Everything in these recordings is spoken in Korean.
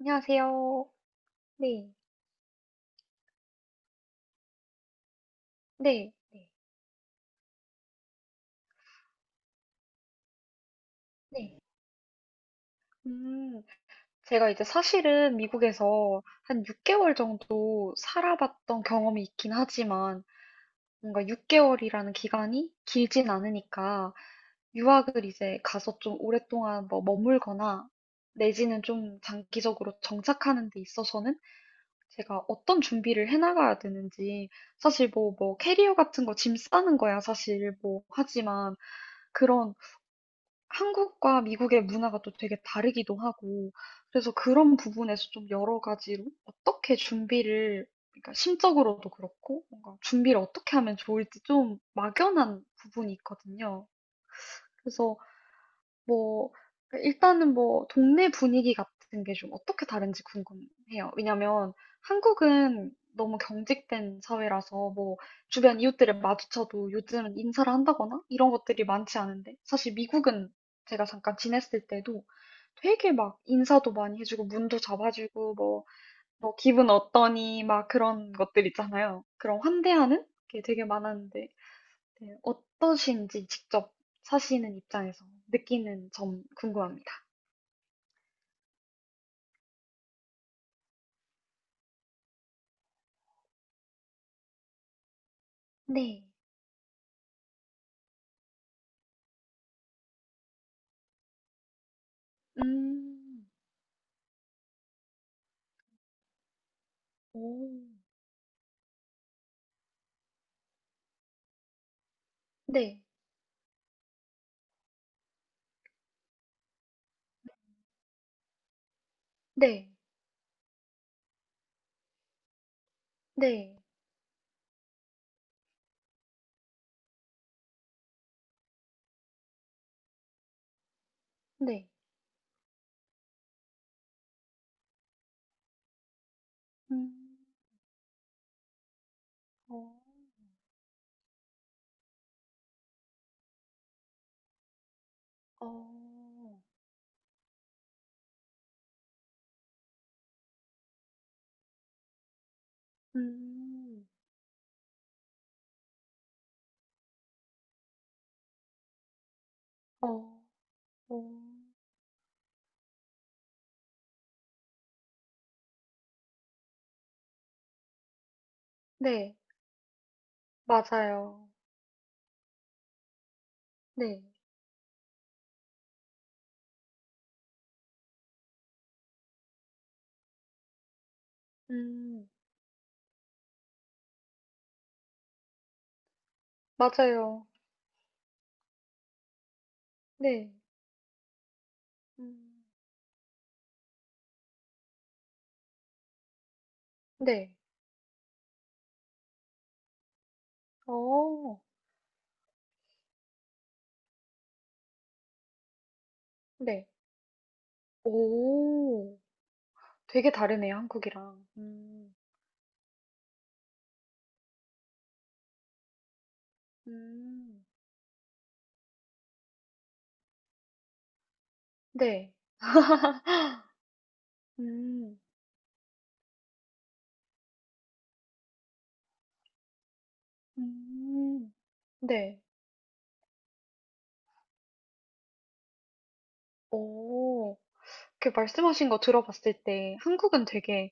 안녕하세요. 네, 네, 네, 네. 음, 제가 이제 사실은 미국에서 한 6개월 정도 살아봤던 경험이 있긴 하지만 뭔가 6개월이라는 기간이 길진 않으니까 유학을 이제 가서 좀 오랫동안 뭐 머물거나 내지는 좀 장기적으로 정착하는 데 있어서는 제가 어떤 준비를 해나가야 되는지 사실 뭐 캐리어 같은 거 짐 싸는 거야 사실 뭐 하지만 그런 한국과 미국의 문화가 또 되게 다르기도 하고, 그래서 그런 부분에서 좀 여러 가지로 어떻게 준비를, 그러니까 심적으로도 그렇고, 뭔가 준비를 어떻게 하면 좋을지 좀 막연한 부분이 있거든요. 그래서 뭐 일단은 뭐 동네 분위기 같은 게 좀 어떻게 다른지 궁금해요. 왜냐면 한국은 너무 경직된 사회라서 뭐 주변 이웃들을 마주쳐도 요즘은 인사를 한다거나 이런 것들이 많지 않은데 사실 미국은 제가 잠깐 지냈을 때도 되게 막 인사도 많이 해주고 문도 잡아주고 뭐, 뭐 기분 어떠니 막 그런 것들 있잖아요. 그런 환대하는 게 되게 많았는데 네, 어떠신지 직접 사시는 입장에서 느끼는 점 궁금합니다. 네. 음. 오. 네. 네. 네. 네. 음. 어. 어. 음. 어. 어. 네. 맞아요. 네. 음. 맞아요. 네. 음. 네. 어. 네. 오. 되게 다르네요, 한국이랑. 음. 음. 네. 음. 음. 네. 오, 그 말씀하신 거 들어봤을 때 한국은 되게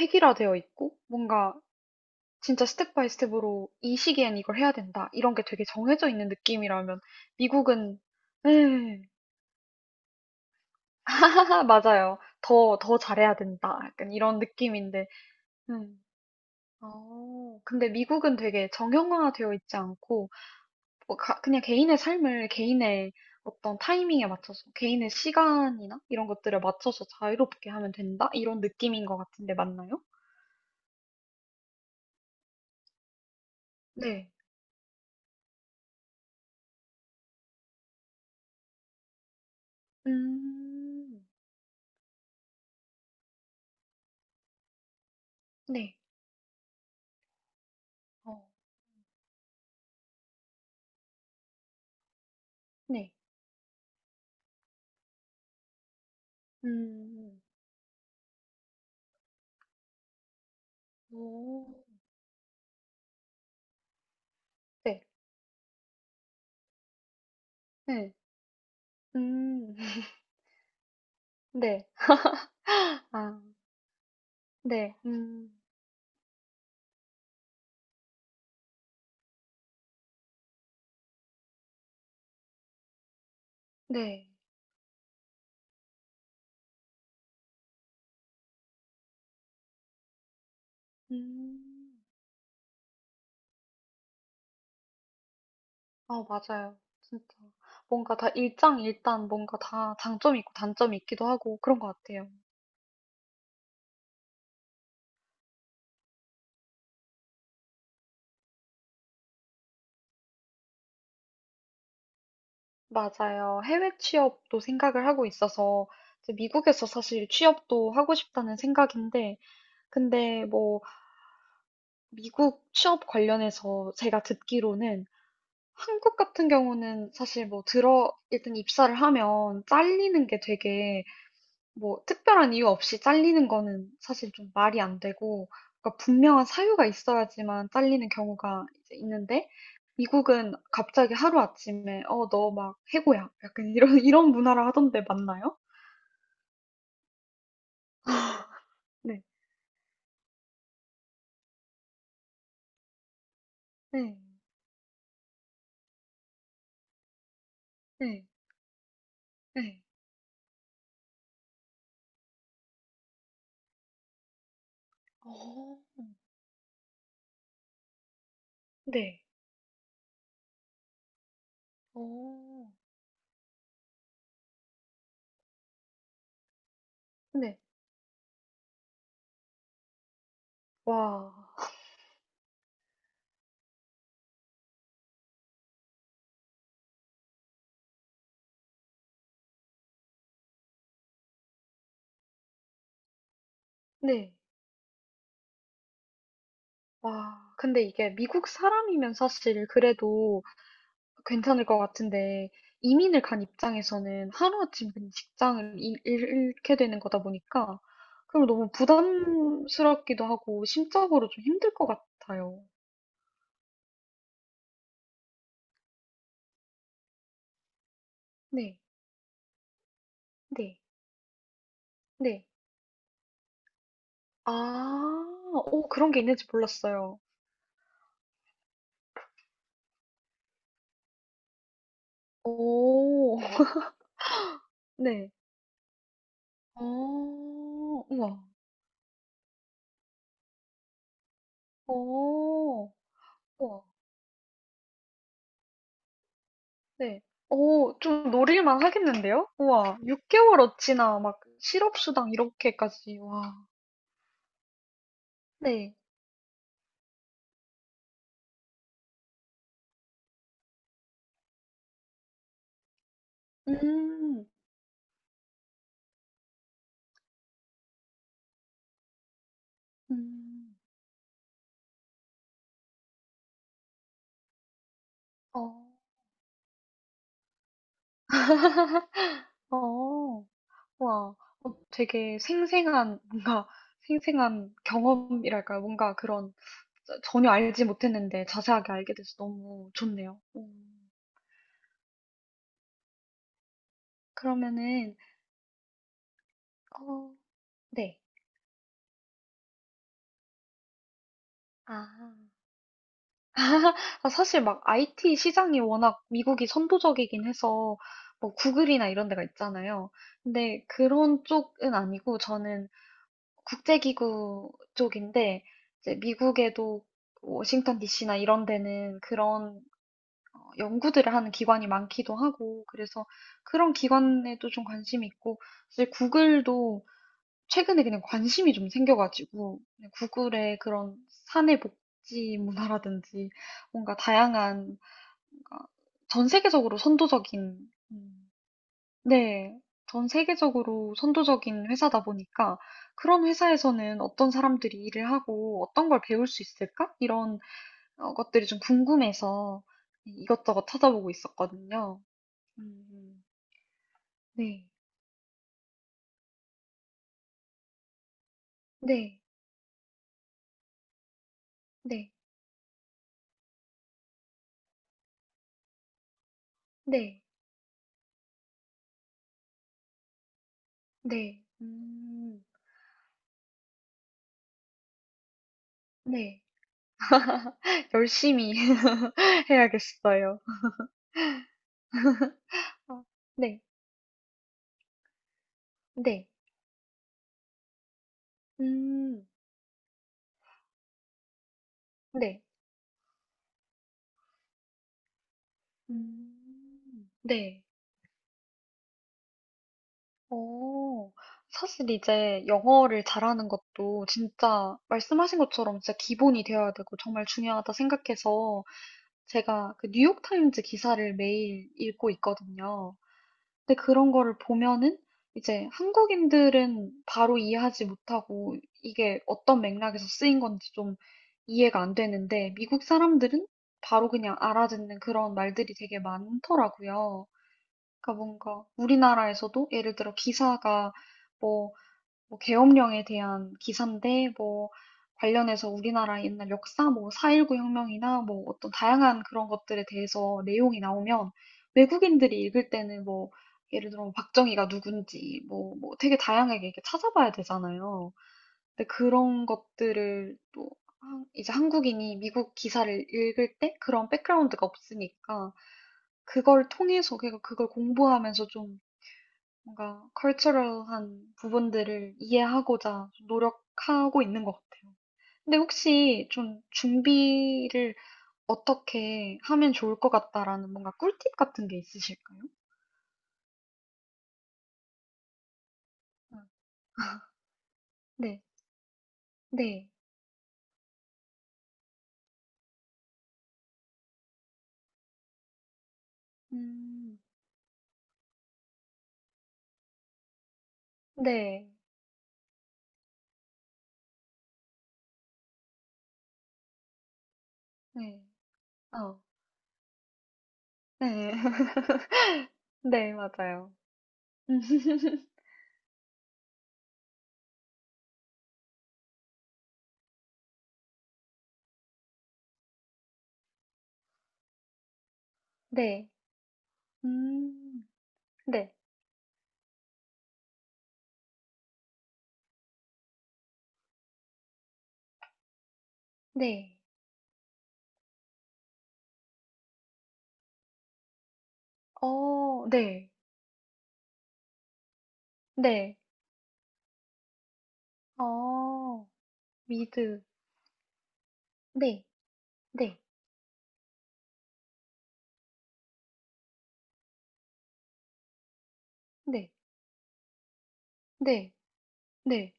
획일화되어 있고 뭔가 진짜 스텝 바이 스텝으로 이 시기엔 이걸 해야 된다. 이런 게 되게 정해져 있는 느낌이라면 미국은 음. 맞아요. 더 잘해야 된다. 약간 이런 느낌인데. 음. 어. 근데 미국은 되게 정형화되어 있지 않고 그냥 개인의 삶을 개인의 어떤 타이밍에 맞춰서, 개인의 시간이나 이런 것들을 맞춰서 자유롭게 하면 된다? 이런 느낌인 것 같은데 맞나요? 네. 음, 네. 어, 네. 음, 오, 네. 네. 음, 네. 아, 네. 네. 음, 아, 맞아요. 진짜. 뭔가 다 일장일단 뭔가 다 장점이 있고 단점이 있기도 하고 그런 것 같아요. 맞아요. 해외 취업도 생각을 하고 있어서 이제 미국에서 사실 취업도 하고 싶다는 생각인데, 근데 뭐 미국 취업 관련해서 제가 듣기로는 한국 같은 경우는 사실 뭐 들어 일단 입사를 하면 잘리는 게 되게 뭐 특별한 이유 없이 잘리는 거는 사실 좀 말이 안 되고 그러니까 분명한 사유가 있어야지만 잘리는 경우가 이제 있는데 미국은 갑자기 하루아침에 어, 너 막 해고야. 약간 이런 이런 문화라 하던데 맞나요? 네. 네. 네. 네. 어, 네. 어, 네. 와. 네. 와. 근데 이게 미국 사람이면 사실 그래도 괜찮을 것 같은데 이민을 간 입장에서는 하루아침에 그냥 잃게 되는 거다 보니까 그럼 너무 부담스럽기도 하고 심적으로 좀 힘들 것 같아요. 네, 네, 네. 아, 오, 그런 게 있는지 몰랐어요. 오, 네. 오오... 우와. 오 우와. 네. 오, 좀 노릴만 하겠는데요? 우와. 6개월 어치나 막 실업수당 이렇게까지. 와. 네. 음. 음. 어. 어. 와. 어 되게 생생한 뭔가 생생한 경험이랄까요? 뭔가 그런 저 전혀 알지 못했는데 자세하게 알게 돼서 너무 좋네요. 음. 그러면은 어 네. 아. 사실 막 IT 시장이 워낙 미국이 선도적이긴 해서 뭐 구글이나 이런 데가 있잖아요. 근데 그런 쪽은 아니고 저는 국제기구 쪽인데 이제 미국에도 워싱턴 DC나 이런 데는 그런 어, 연구들을 하는 기관이 많기도 하고 그래서 그런 기관에도 좀 관심이 있고 사실 구글도 최근에 그냥 관심이 좀 생겨가지고 그냥 구글의 그런 사내 복지 문화라든지 뭔가 다양한 뭔가 전 세계적으로 선도적인 음, 네. 전 세계적으로 선도적인 회사다 보니까 그런 회사에서는 어떤 사람들이 일을 하고 어떤 걸 배울 수 있을까? 이런 어, 것들이 좀 궁금해서 이것저것 찾아보고 있었거든요. 음, 네. 네. 네. 네. 네. 네. 열심히 해야겠어요. 아, 네. 네. 음, 네. 네. 어, 사실 이제 영어를 잘하는 것도 진짜 말씀하신 것처럼 진짜 기본이 되어야 되고 정말 중요하다 생각해서 제가 그 뉴욕타임즈 기사를 매일 읽고 있거든요. 근데 그런 거를 보면은 이제 한국인들은 바로 이해하지 못하고 이게 어떤 맥락에서 쓰인 건지 좀 이해가 안 되는데 미국 사람들은 바로 그냥 알아듣는 그런 말들이 되게 많더라고요. 그러니까 뭔가 우리나라에서도 예를 들어 기사가 뭐, 뭐 계엄령에 대한 기사인데 뭐 관련해서 우리나라 옛날 역사 뭐 4.19 혁명이나 뭐 어떤 다양한 그런 것들에 대해서 내용이 나오면 외국인들이 읽을 때는 뭐 예를 들어 뭐 박정희가 누군지 뭐, 뭐 되게 다양하게 이렇게 찾아봐야 되잖아요. 근데 그런 것들을 또 이제 한국인이 미국 기사를 읽을 때 그런 백그라운드가 없으니까 그걸 통해서 그러니까 그걸 공부하면서 좀 뭔가 컬처럴한 부분들을 이해하고자 좀 노력하고 있는 것 같아요. 근데 혹시 좀 준비를 어떻게 하면 좋을 것 같다라는 뭔가 꿀팁 같은 게 있으실까요? 음, 네, 네, 음, 네, 네, 어. 네. 네, 맞아요. 네. 음. 네. 네. 어, 네. 네. 어, 미드. 네. 네. 네. 네. 네.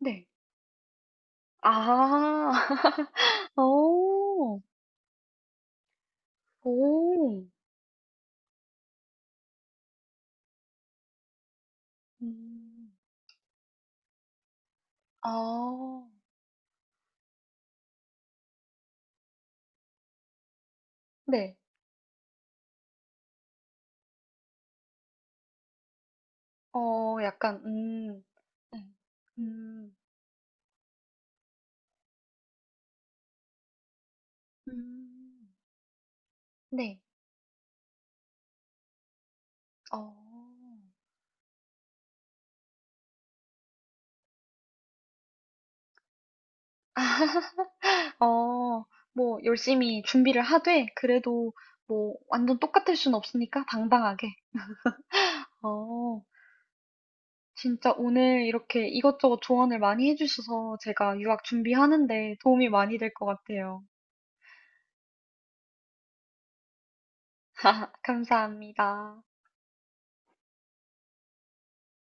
네. 아. 오. 오. 음. 아. 네. 어, 약간 네. 음. 음. 네. 어. 어, 뭐, 열심히 준비를 하되, 그래도 뭐, 완전 똑같을 순 없으니까 당당하게. 어, 진짜 오늘 이렇게 이것저것 조언을 많이 해주셔서 제가 유학 준비하는데 도움이 많이 될 것 같아요. 감사합니다.